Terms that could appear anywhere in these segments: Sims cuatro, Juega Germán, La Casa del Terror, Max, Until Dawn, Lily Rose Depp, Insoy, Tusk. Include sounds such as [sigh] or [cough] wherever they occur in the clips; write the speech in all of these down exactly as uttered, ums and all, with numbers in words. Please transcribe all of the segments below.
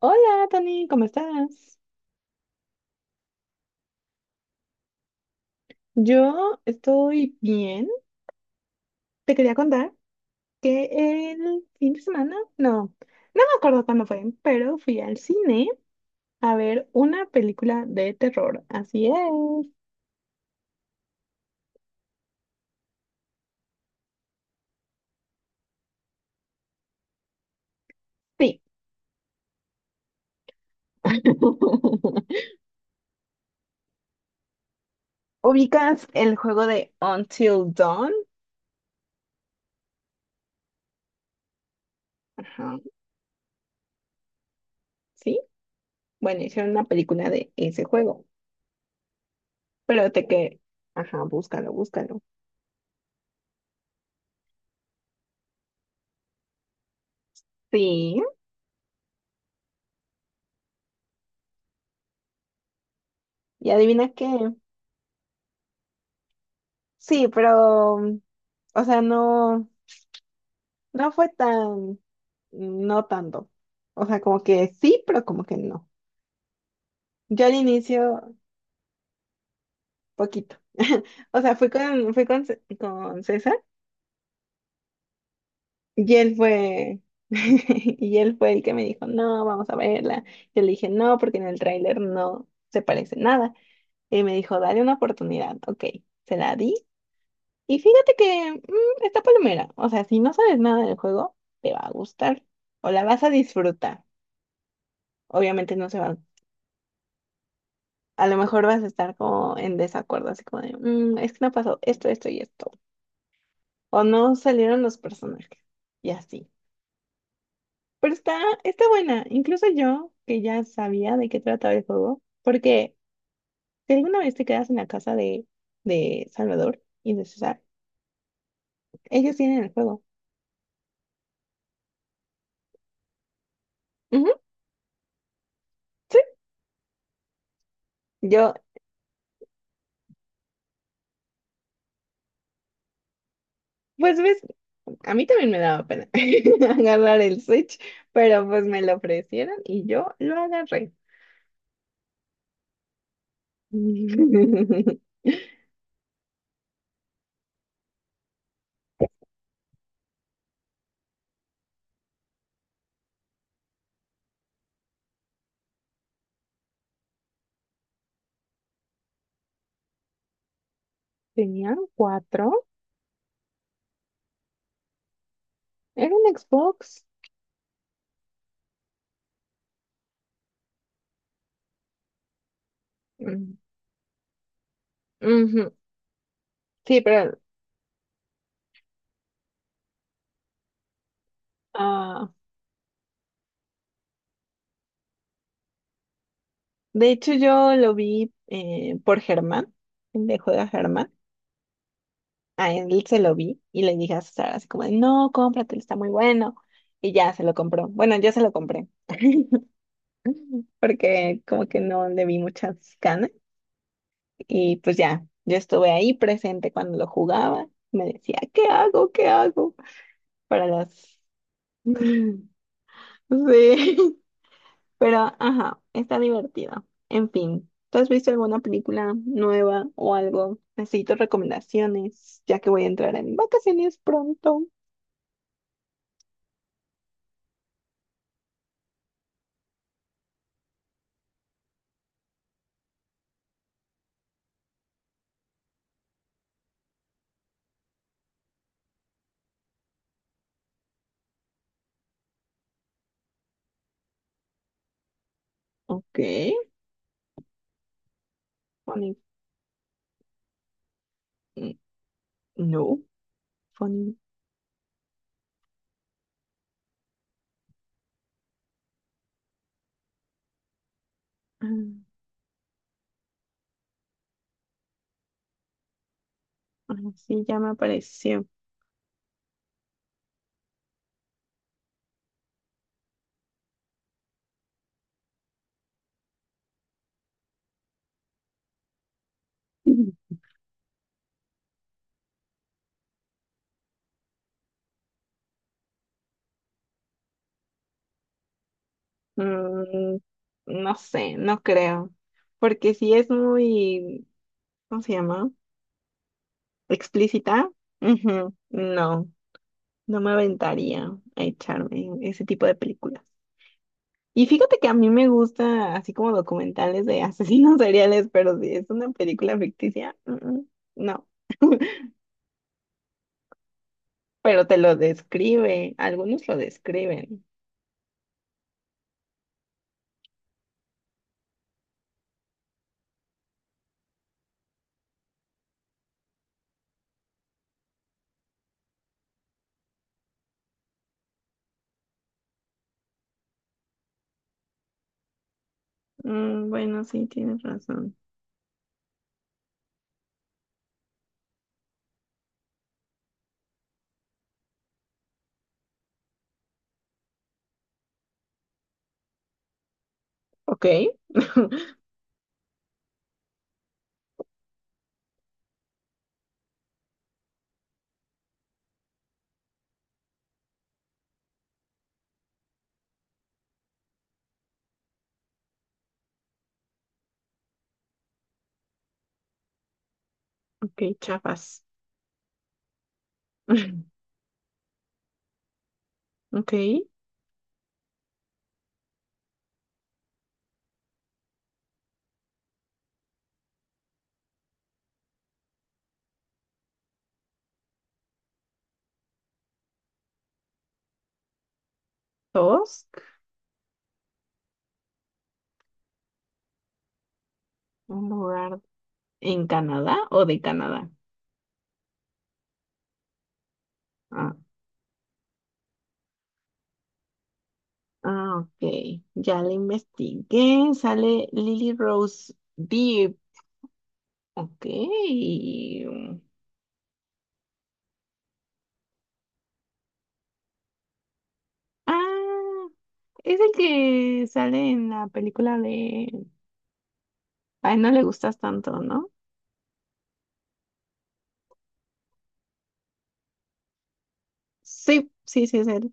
Hola, Tony, ¿cómo estás? Yo estoy bien. Te quería contar que el fin de semana, no, no me acuerdo cuándo fue, pero fui al cine a ver una película de terror. Así es. Sí. [laughs] ¿Ubicas el juego de Until Dawn? Ajá, sí. Bueno, hicieron una película de ese juego, pero te que... Ajá, búscalo, búscalo. Sí, y adivina qué. Sí, pero... O sea, no. No fue tan, no tanto. O sea, como que sí, pero como que no. Yo al inicio, poquito. [laughs] O sea, fui con, fui con, C- con César y él fue, [laughs] y él fue el que me dijo, no, vamos a verla. Yo le dije, no, porque en el tráiler no se parece nada. Y me dijo, dale una oportunidad. Ok, se la di. Y fíjate que mm, está palomera. O sea, si no sabes nada del juego, te va a gustar o la vas a disfrutar. Obviamente no se va a lo mejor vas a estar como en desacuerdo, así como de, "Mm, es que no pasó esto, esto y esto. O no salieron los personajes. Y así. Pero está, está buena. Incluso yo, que ya sabía de qué trataba el juego, porque si alguna vez te quedas en la casa de, de Salvador y de César, ellos tienen el juego. Ujú, sí. Yo, pues ves, a mí también me daba pena [laughs] agarrar el Switch, pero pues me lo ofrecieron y yo lo agarré. [laughs] Tenían cuatro. ¿Era un Xbox? Mm, ujú. Sí, pero ah, de hecho yo lo vi eh, por Germán, el de Juega Germán. A él se lo vi y le dije a Sara así como, de, no, cómpratelo, está muy bueno. Y ya se lo compró. Bueno, yo se lo compré [laughs] porque como que no le vi muchas ganas. Y pues ya, yo estuve ahí presente cuando lo jugaba. Me decía, ¿qué hago? ¿Qué hago? Para las... [laughs] Sí. Pero, ajá, está divertida. En fin, ¿tú has visto alguna película nueva o algo? Necesito recomendaciones, ya que voy a entrar en vacaciones pronto. Ok, funny. mm, No, funny. Ah, ah, sí, ya me apareció. Mm, Mm, no sé, no creo. Porque si es muy, ¿cómo se llama? Explícita. Ujú, no, no me aventaría a echarme ese tipo de películas. Y fíjate que a mí me gusta así como documentales de [laughs] asesinos seriales, pero si es una película ficticia, mm, mm, no, pero te lo describe, algunos lo describen. Mm, bueno, sí, tienes razón. Ok, [laughs] ok, Chiapas. [laughs] Ok, Tusk, un lugar en Canadá o de Canadá. Ah, ah, ok, ya le investigué, sale Lily Rose Depp. Ok. Ah, es el que sale en la película de... Ay, no le gustas tanto, ¿no? Sí, sí, sí, es él.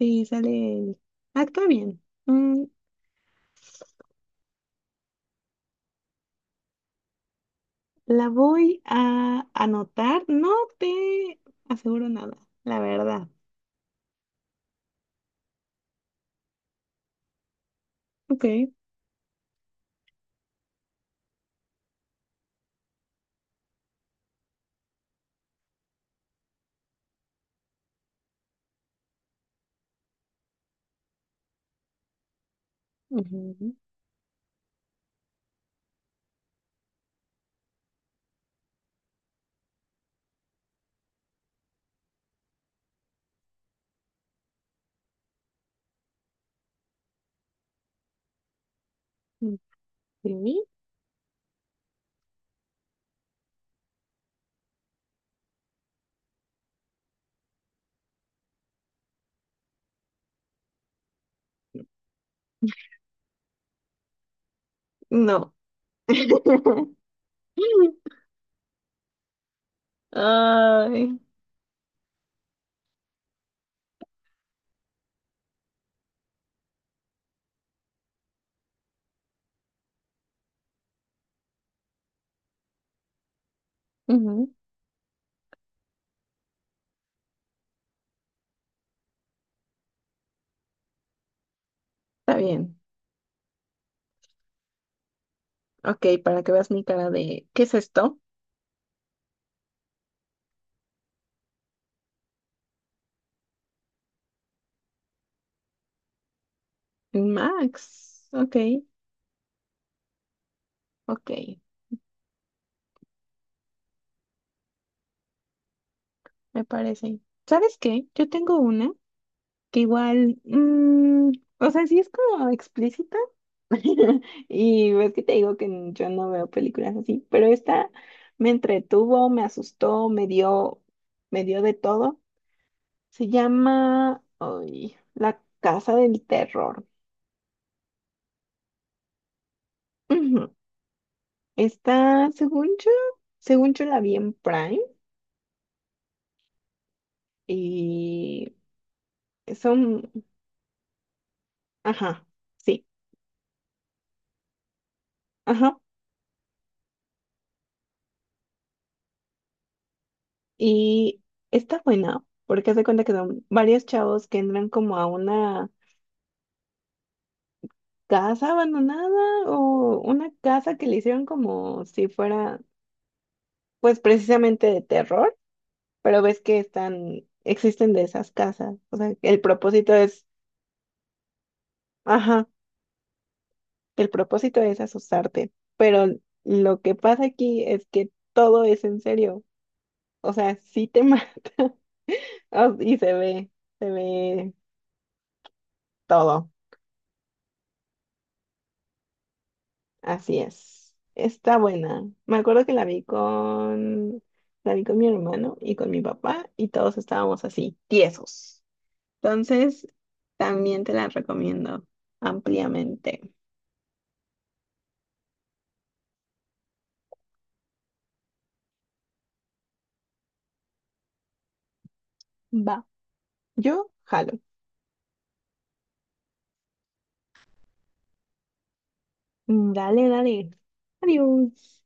Sí, sale él. Actúa bien. Mm, la voy a anotar. No te aseguro nada, la verdad. Ok. Ujú. ¿Sí? No. [laughs] Ay. Ujú, está bien. Ok, para que veas mi cara de... ¿Qué es esto? Max. Ok, ok. Me parece. ¿Sabes qué? Yo tengo una que igual, mm, o sea, sí es como explícita. [laughs] Y ves que te digo que n- yo no veo películas así, pero esta me entretuvo, me asustó, me dio, me dio de todo. Se llama, ay, La Casa del Terror. Ujú. Está, según yo, según yo la vi en Prime y son, ajá, sí. Ajá. Y está buena, porque hace cuenta que son varios chavos que entran como a una casa abandonada o una casa que le hicieron como si fuera, pues precisamente de terror, pero ves que están, existen de esas casas. O sea, el propósito es, ajá, el propósito es asustarte, pero lo que pasa aquí es que todo es en serio. O sea, sí te [laughs] mata [laughs] y se ve, se ve todo. Así es. Está buena. Me acuerdo que la vi con la vi con mi hermano y con mi papá y todos estábamos así, tiesos. Entonces, también te la recomiendo ampliamente. Va. Yo jalo. Dale, dale. Adiós.